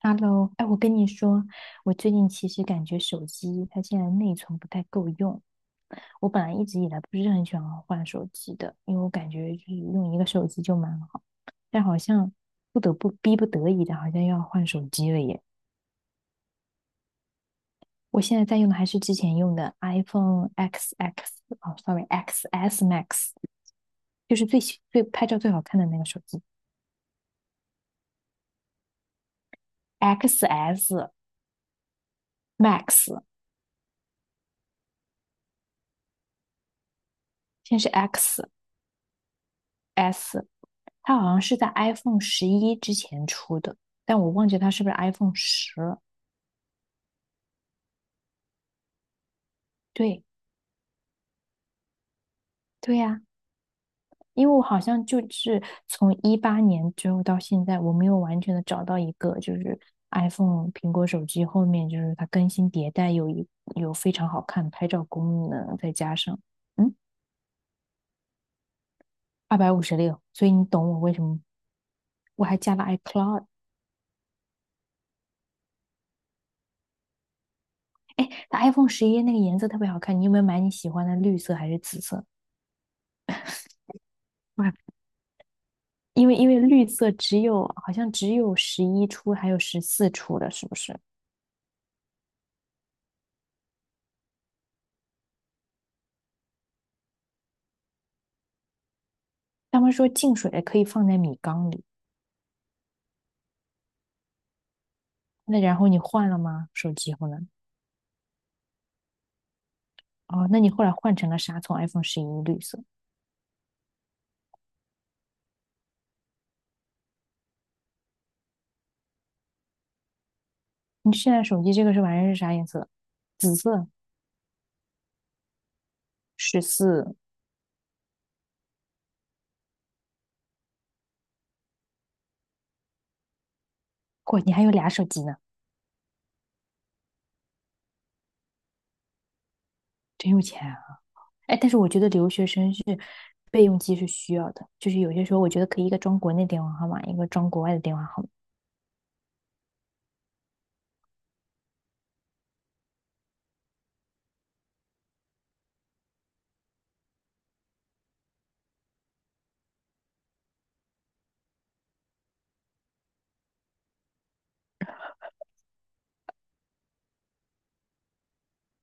Hello，哎，我跟你说，我最近其实感觉手机它现在内存不太够用。我本来一直以来不是很喜欢换手机的，因为我感觉就是用一个手机就蛮好，但好像不得不逼不得已的，好像又要换手机了耶。我现在在用的还是之前用的 iPhone XX，哦，sorry XS Max，就是最拍照最好看的那个手机 XS Max，现在是 XS。它好像是在 iPhone 11之前出的，但我忘记它是不是 iPhone 十了。对，对呀、因为我好像就是从2018年之后到现在，我没有完全的找到一个就是 iPhone 苹果手机后面就是它更新迭代有非常好看拍照功能，再加上嗯二百五十六，256, 所以你懂我为什么我还加了 iCloud。它 iPhone 十一那个颜色特别好看，你有没有买你喜欢的绿色还是紫色？我因为绿色好像只有十一出还有十四出的，是不是？他们说净水可以放在米缸里，那然后你换了吗？手机后来哦，那你后来换成了啥？从 iPhone 十一绿色，你现在手机这个玩意是啥颜色？紫色，十四。哇，你还有俩手机呢，真有钱啊！哎，但是我觉得留学生是备用机是需要的，就是有些时候我觉得可以一个装国内电话号码，一个装国外的电话号码。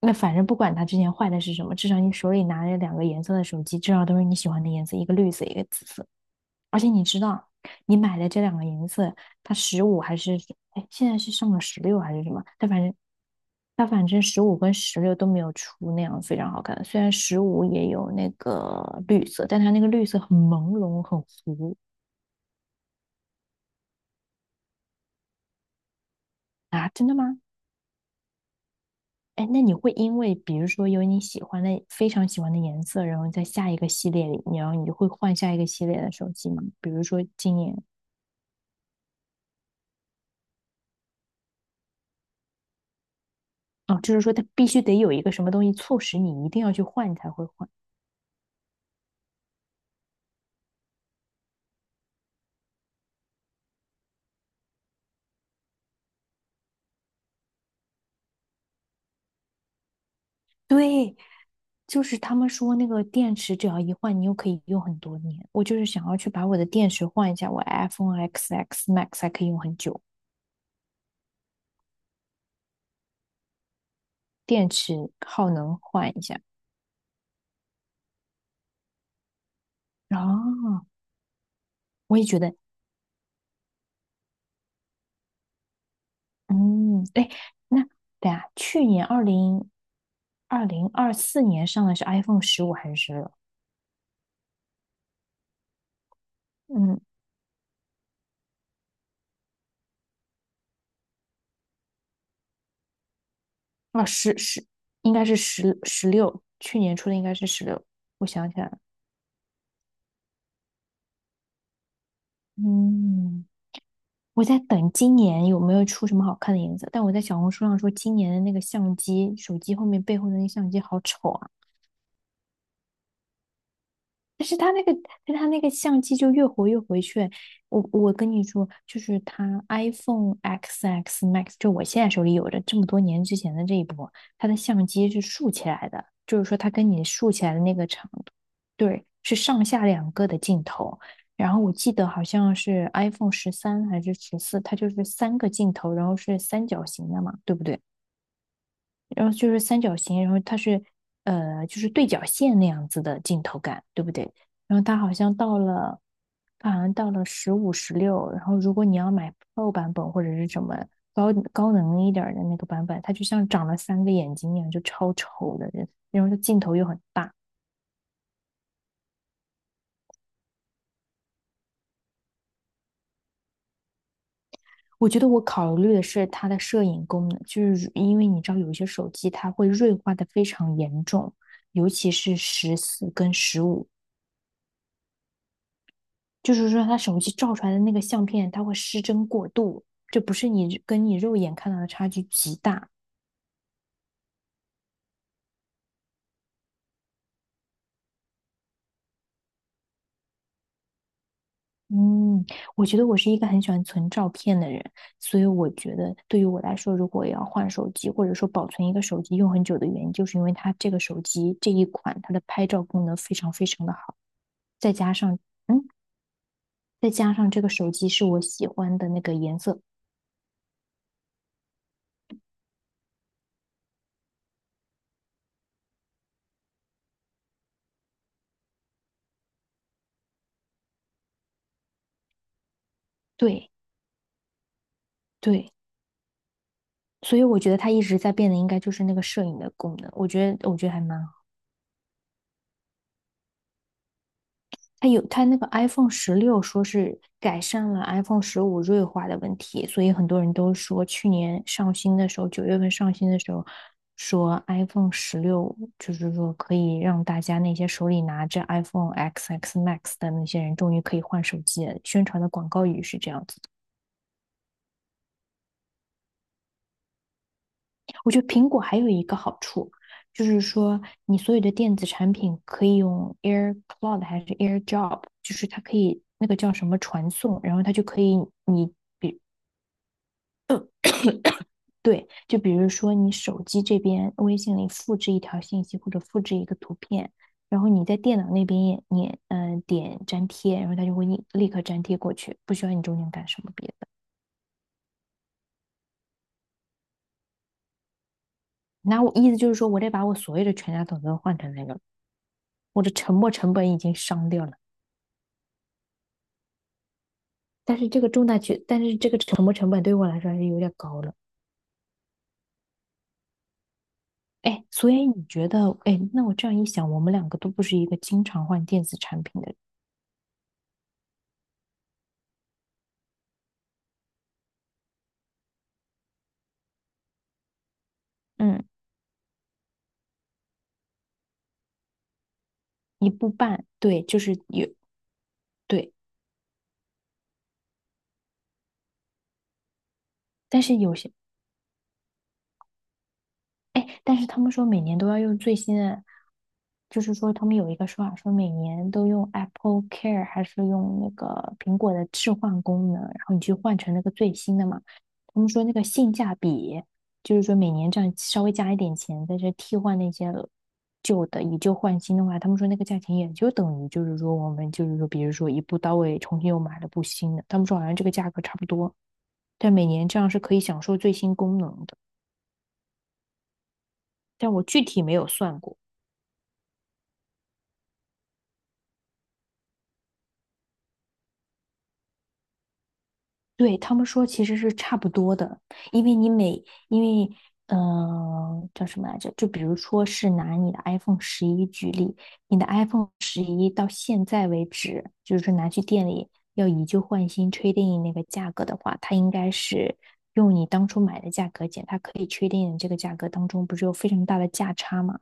那反正不管它之前坏的是什么，至少你手里拿着两个颜色的手机，至少都是你喜欢的颜色，一个绿色，一个紫色。而且你知道，你买的这两个颜色，它十五还是哎，现在是上了十六还是什么？它反正十五跟十六都没有出那样非常好看的。虽然十五也有那个绿色，但它那个绿色很朦胧，很糊啊！真的吗？哎，那你会因为比如说有你喜欢的非常喜欢的颜色，然后在下一个系列里，然后你就会换下一个系列的手机吗？比如说今年，啊，就是说它必须得有一个什么东西促使你一定要去换，你才会换。对，就是他们说那个电池只要一换，你又可以用很多年。我就是想要去把我的电池换一下，我 iPhone XX Max 还可以用很久，电池耗能换一下。哦，我也觉得嗯，哎，那对啊，去年2024年上的是 iPhone 十五还是16？嗯，啊，十应该是十六，去年出的应该是十六。我想起来了，嗯，我在等今年有没有出什么好看的颜色，但我在小红书上说今年的那个相机，手机后面背后的那个相机好丑啊。但是他那个，但他那个相机就越活越回旋。我跟你说，就是他 iPhone XX Max,就我现在手里有着这么多年之前的这一波，它的相机是竖起来的，就是说它跟你竖起来的那个长度，对，是上下两个的镜头。然后我记得好像是 iPhone 13还是14，它就是三个镜头，然后是三角形的嘛，对不对？然后就是三角形，然后就是对角线那样子的镜头感，对不对？然后它好像到了，它好像到了十五、十六，然后如果你要买 Pro 版本或者是什么高能一点儿的那个版本，它就像长了三个眼睛一样，就超丑的人，然后它镜头又很大。我觉得我考虑的是它的摄影功能，就是因为你知道有一些手机它会锐化的非常严重，尤其是十四跟十五，就是说他手机照出来的那个相片，它会失真过度，这不是你肉眼看到的差距极大。嗯，我觉得我是一个很喜欢存照片的人，所以我觉得对于我来说，如果要换手机，或者说保存一个手机用很久的原因，就是因为它这个手机这一款它的拍照功能非常非常的好，再加上嗯，再加上这个手机是我喜欢的那个颜色，对对，所以我觉得它一直在变的应该就是那个摄影的功能，我觉得还蛮。它有它那个 iPhone 十六说是改善了 iPhone 十五锐化的问题，所以很多人都说去年上新的时候，9月份上新的时候，说 iPhone 十六就是说可以让大家那些手里拿着 iPhone XX Max 的那些人终于可以换手机了，宣传的广告语是这样子的。我觉得苹果还有一个好处。就是说，你所有的电子产品可以用 AirCloud 还是 AirDrop,就是它可以那个叫什么传送，然后它就可以你对，就比如说你手机这边微信里复制一条信息或者复制一个图片，然后你在电脑那边也点粘贴，然后它就会立刻粘贴过去，不需要你中间干什么别的。那我意思就是说，我得把我所有的全家桶都换成那个，我的沉没成本已经伤掉了。但是这个沉没成本对我来说还是有点高了。哎，所以你觉得，哎，那我这样一想，我们两个都不是一个经常换电子产品的人嗯，一步半，对，就是有。对，但是有些，哎，但是他们说每年都要用最新的，就是说他们有一个说法，说每年都用 Apple Care 还是用那个苹果的置换功能，然后你去换成那个最新的嘛。他们说那个性价比，就是说每年这样稍微加一点钱，在这替换那些旧的以旧换新的话，他们说那个价钱也就等于就是说，比如说一步到位重新又买了部新的，他们说好像这个价格差不多，但每年这样是可以享受最新功能的。但我具体没有算过。对，他们说其实是差不多的，因为你每，因为，嗯、呃叫什么来着？就比如说是拿你的 iPhone 十一举例，你的 iPhone 十一到现在为止，就是说拿去店里要以旧换新确定那个价格的话，它应该是用你当初买的价格减，它可以确定这个价格当中不是有非常大的价差吗？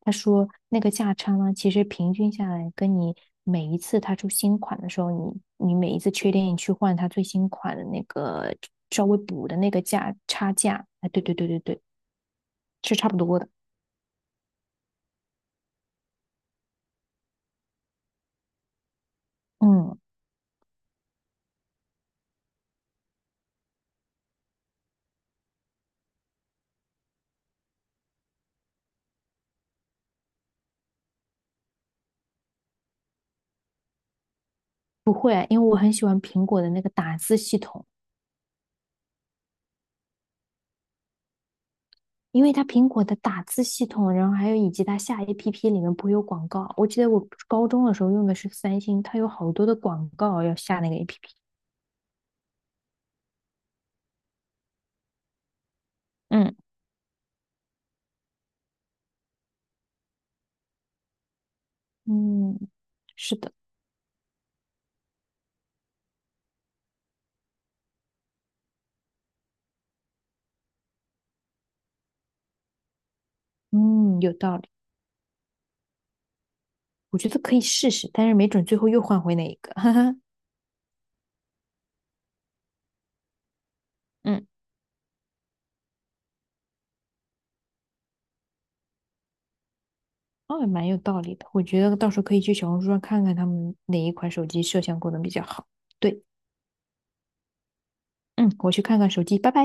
他说那个价差呢，其实平均下来，跟你每一次他出新款的时候，你每一次缺点你去换它最新款的那个稍微补的那个价差价，哎，对对对对对，是差不多的。嗯，不会啊，因为我很喜欢苹果的那个打字系统，因为它苹果的打字系统，然后还有以及它下 APP 里面不会有广告。我记得我高中的时候用的是三星，它有好多的广告要下那个 APP。嗯嗯，是的，嗯，有道理。我觉得可以试试，但是没准最后又换回哪一个，哈哈，嗯，哦，蛮有道理的。我觉得到时候可以去小红书上看看他们哪一款手机摄像功能比较好。对，嗯，我去看看手机，拜拜。